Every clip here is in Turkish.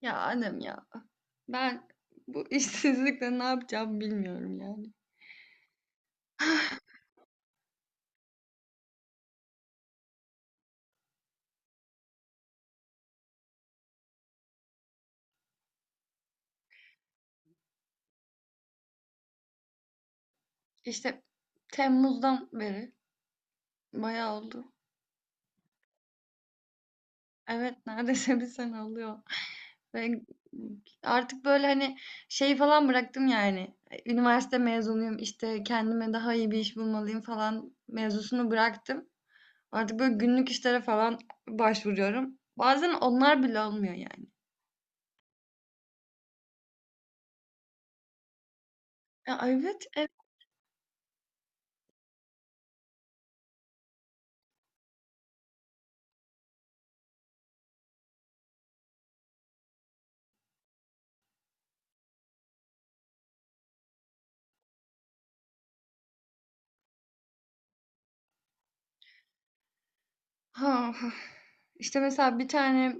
Ya annem ya. Ben bu işsizlikle ne yapacağımı bilmiyorum yani. İşte Temmuz'dan beri bayağı oldu. Evet, neredeyse bir sene oluyor. Ve artık böyle hani şey falan bıraktım yani. Üniversite mezunuyum, işte kendime daha iyi bir iş bulmalıyım falan mevzusunu bıraktım. Artık böyle günlük işlere falan başvuruyorum. Bazen onlar bile olmuyor yani. Ya evet, evet. Ha, hah. İşte mesela bir tane,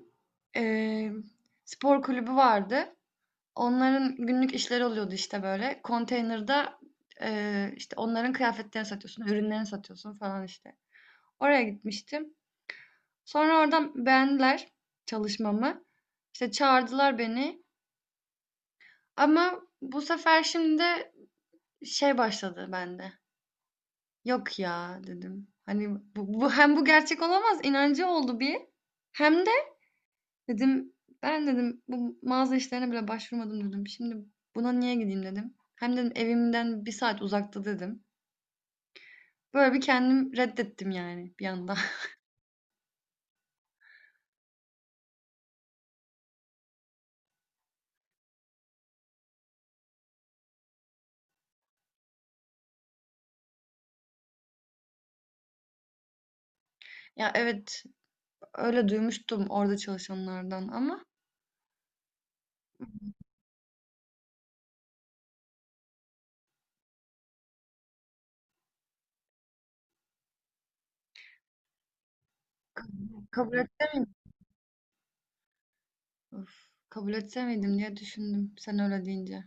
eee, spor kulübü vardı. Onların günlük işleri oluyordu işte böyle. Konteynerda, işte onların kıyafetlerini satıyorsun, ürünlerini satıyorsun falan işte. Oraya gitmiştim. Sonra oradan beğendiler çalışmamı. İşte çağırdılar beni. Ama bu sefer şimdi şey başladı bende. Yok ya dedim. Hani bu hem bu gerçek olamaz inancı oldu bir. Hem de dedim, "Ben" dedim, "bu mağaza işlerine bile başvurmadım." dedim. "Şimdi buna niye gideyim?" dedim. "Hem" dedim, "evimden bir saat uzakta." dedim. Böyle bir kendim reddettim yani bir anda. Ya, evet, öyle duymuştum orada çalışanlardan ama kabul etse miydim? Of, kabul etse miydim diye düşündüm sen öyle deyince.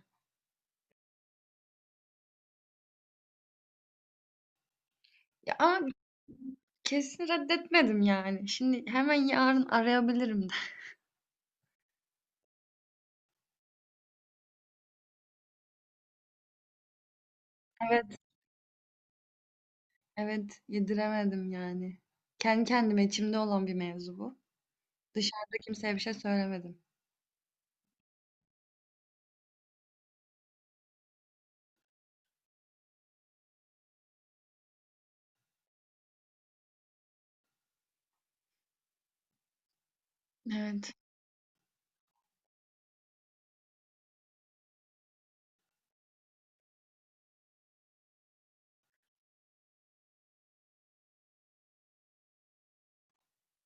Ya, ama kesin reddetmedim yani. Şimdi hemen yarın arayabilirim de. Evet, evet, yediremedim yani. Kendi kendime içimde olan bir mevzu bu. Dışarıda kimseye bir şey söylemedim. Evet.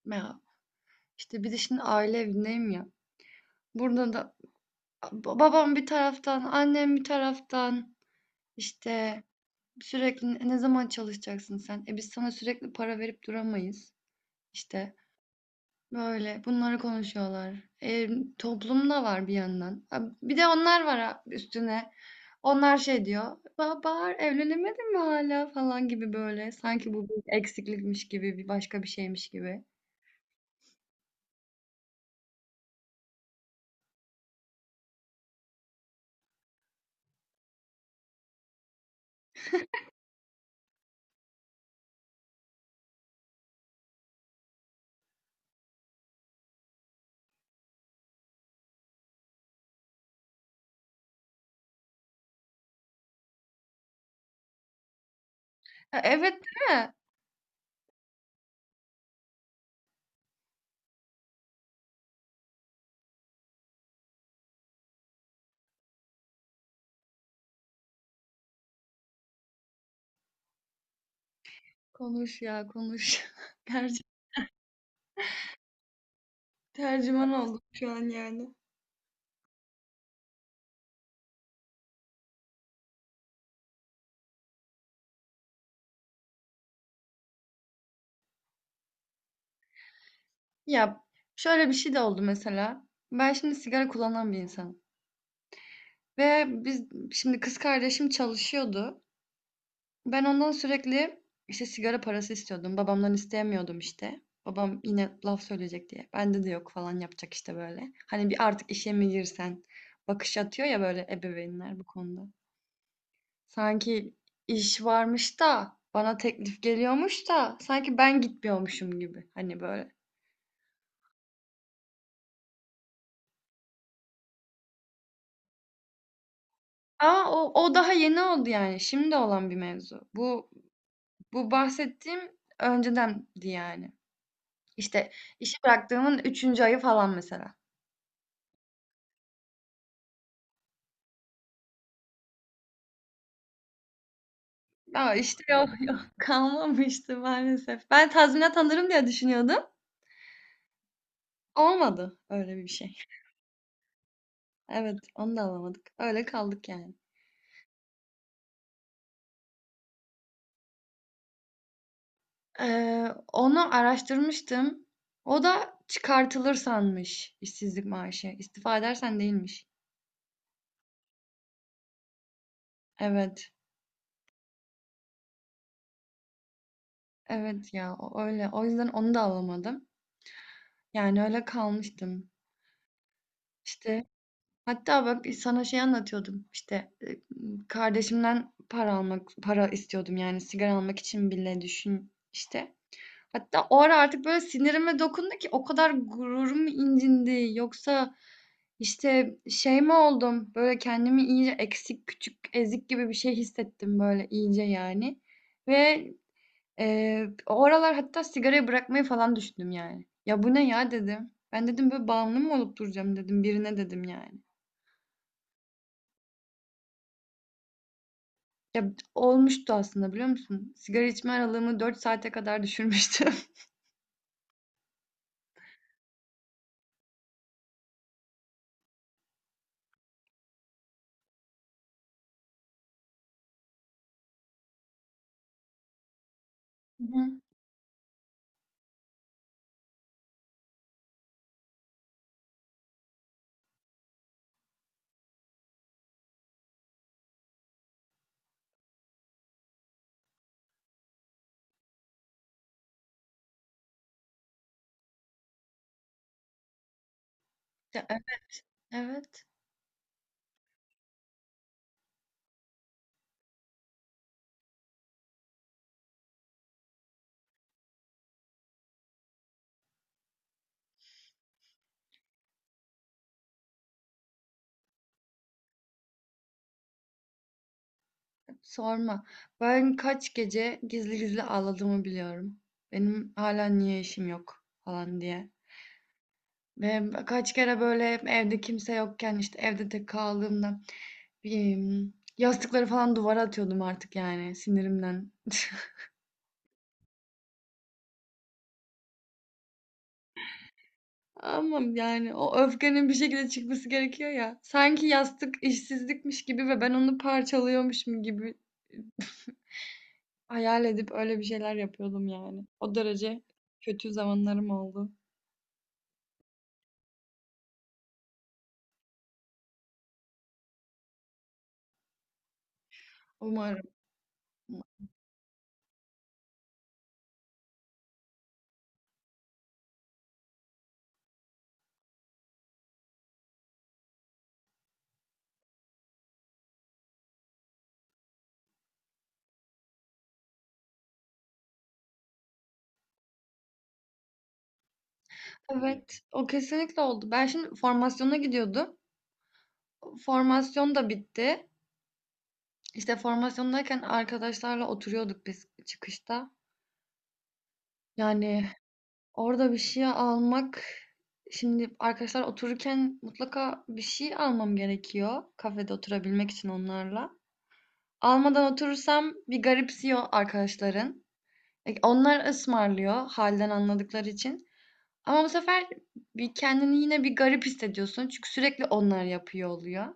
Ya, İşte bir de şimdi aile evindeyim ya. Burada da babam bir taraftan, annem bir taraftan işte sürekli "Ne ne zaman çalışacaksın sen? E biz sana sürekli para verip duramayız. İşte böyle bunları konuşuyorlar. E, toplum da var bir yandan. Ha, bir de onlar var ha üstüne. Onlar şey diyor. Bahar evlenemedin mi hala falan gibi böyle. Sanki bu bir eksiklikmiş gibi, bir başka bir şeymiş gibi. Ya, evet, değil mi? Konuş ya, konuş. Tercü- Tercüman oldum şu an yani. Ya şöyle bir şey de oldu mesela. Ben şimdi sigara kullanan bir insanım. Ve biz şimdi kız kardeşim çalışıyordu. Ben ondan sürekli işte sigara parası istiyordum. Babamdan isteyemiyordum işte. Babam yine laf söyleyecek diye. Bende de yok falan yapacak işte böyle. Hani bir artık işe mi girsen bakış atıyor ya böyle ebeveynler bu konuda. Sanki iş varmış da, bana teklif geliyormuş da sanki ben gitmiyormuşum gibi, hani, böyle. Ama o daha yeni oldu, yani, şimdi olan bir mevzu. Bu bahsettiğim öncedendi, yani. İşte, işi bıraktığımın üçüncü ayı falan mesela. Ya, işte, yok, yok, kalmamıştı maalesef. Ben tazminat alırım diye düşünüyordum. Olmadı öyle bir şey. Evet, onu da alamadık. Öyle kaldık, yani. Onu araştırmıştım. O da çıkartılır sanmış işsizlik maaşı. İstifa edersen değilmiş. Evet. Evet ya öyle. O yüzden onu da alamadım. Yani öyle kalmıştım. İşte hatta bak sana şey anlatıyordum. İşte kardeşimden para almak, para istiyordum yani sigara almak için bile düşün işte. Hatta o ara artık böyle sinirime dokundu ki o kadar gururum incindi. Yoksa İşte şey mi oldum? Böyle kendimi iyice eksik, küçük, ezik gibi bir şey hissettim böyle iyice yani. Ve o aralar hatta sigarayı bırakmayı falan düşündüm yani. Ya bu ne ya dedim. Ben dedim böyle bağımlı mı olup duracağım dedim birine dedim yani. Ya olmuştu aslında biliyor musun? Sigara içme aralığımı 4 saate kadar düşürmüştüm. Hı hı. Ya evet, sorma. Ben kaç gece gizli gizli ağladığımı biliyorum. Benim hala niye işim yok falan diye. Ve kaç kere böyle evde kimse yokken, işte, evde tek kaldığımda, emm, yastıkları falan duvara atıyordum artık yani sinirimden. Ama yani o öfkenin bir şekilde çıkması gerekiyor ya. Sanki yastık işsizlikmiş gibi ve ben onu parçalıyormuşum gibi hayal edip öyle bir şeyler yapıyordum yani. O derece kötü zamanlarım oldu. Umarım. Evet, o kesinlikle oldu. Ben şimdi formasyona gidiyordum. Formasyon da bitti. İşte formasyondayken arkadaşlarla oturuyorduk biz çıkışta. Yani orada bir şey almak, şimdi arkadaşlar otururken mutlaka bir şey almam gerekiyor kafede oturabilmek için onlarla. Almadan oturursam bir garipsiyor arkadaşların. E, onlar ısmarlıyor halden anladıkları için. Ama bu sefer bir kendini yine bir garip hissediyorsun çünkü sürekli onlar yapıyor oluyor.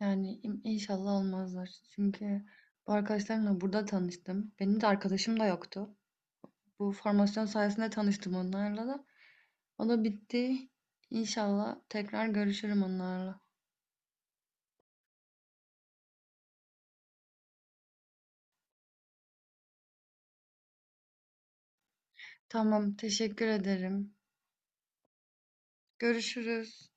Yani inşallah olmazlar. Çünkü bu arkadaşlarımla burada tanıştım. Benim de arkadaşım da yoktu. Bu formasyon sayesinde tanıştım onlarla da. O da bitti. İnşallah tekrar görüşürüm onlarla. Tamam, teşekkür ederim. Görüşürüz.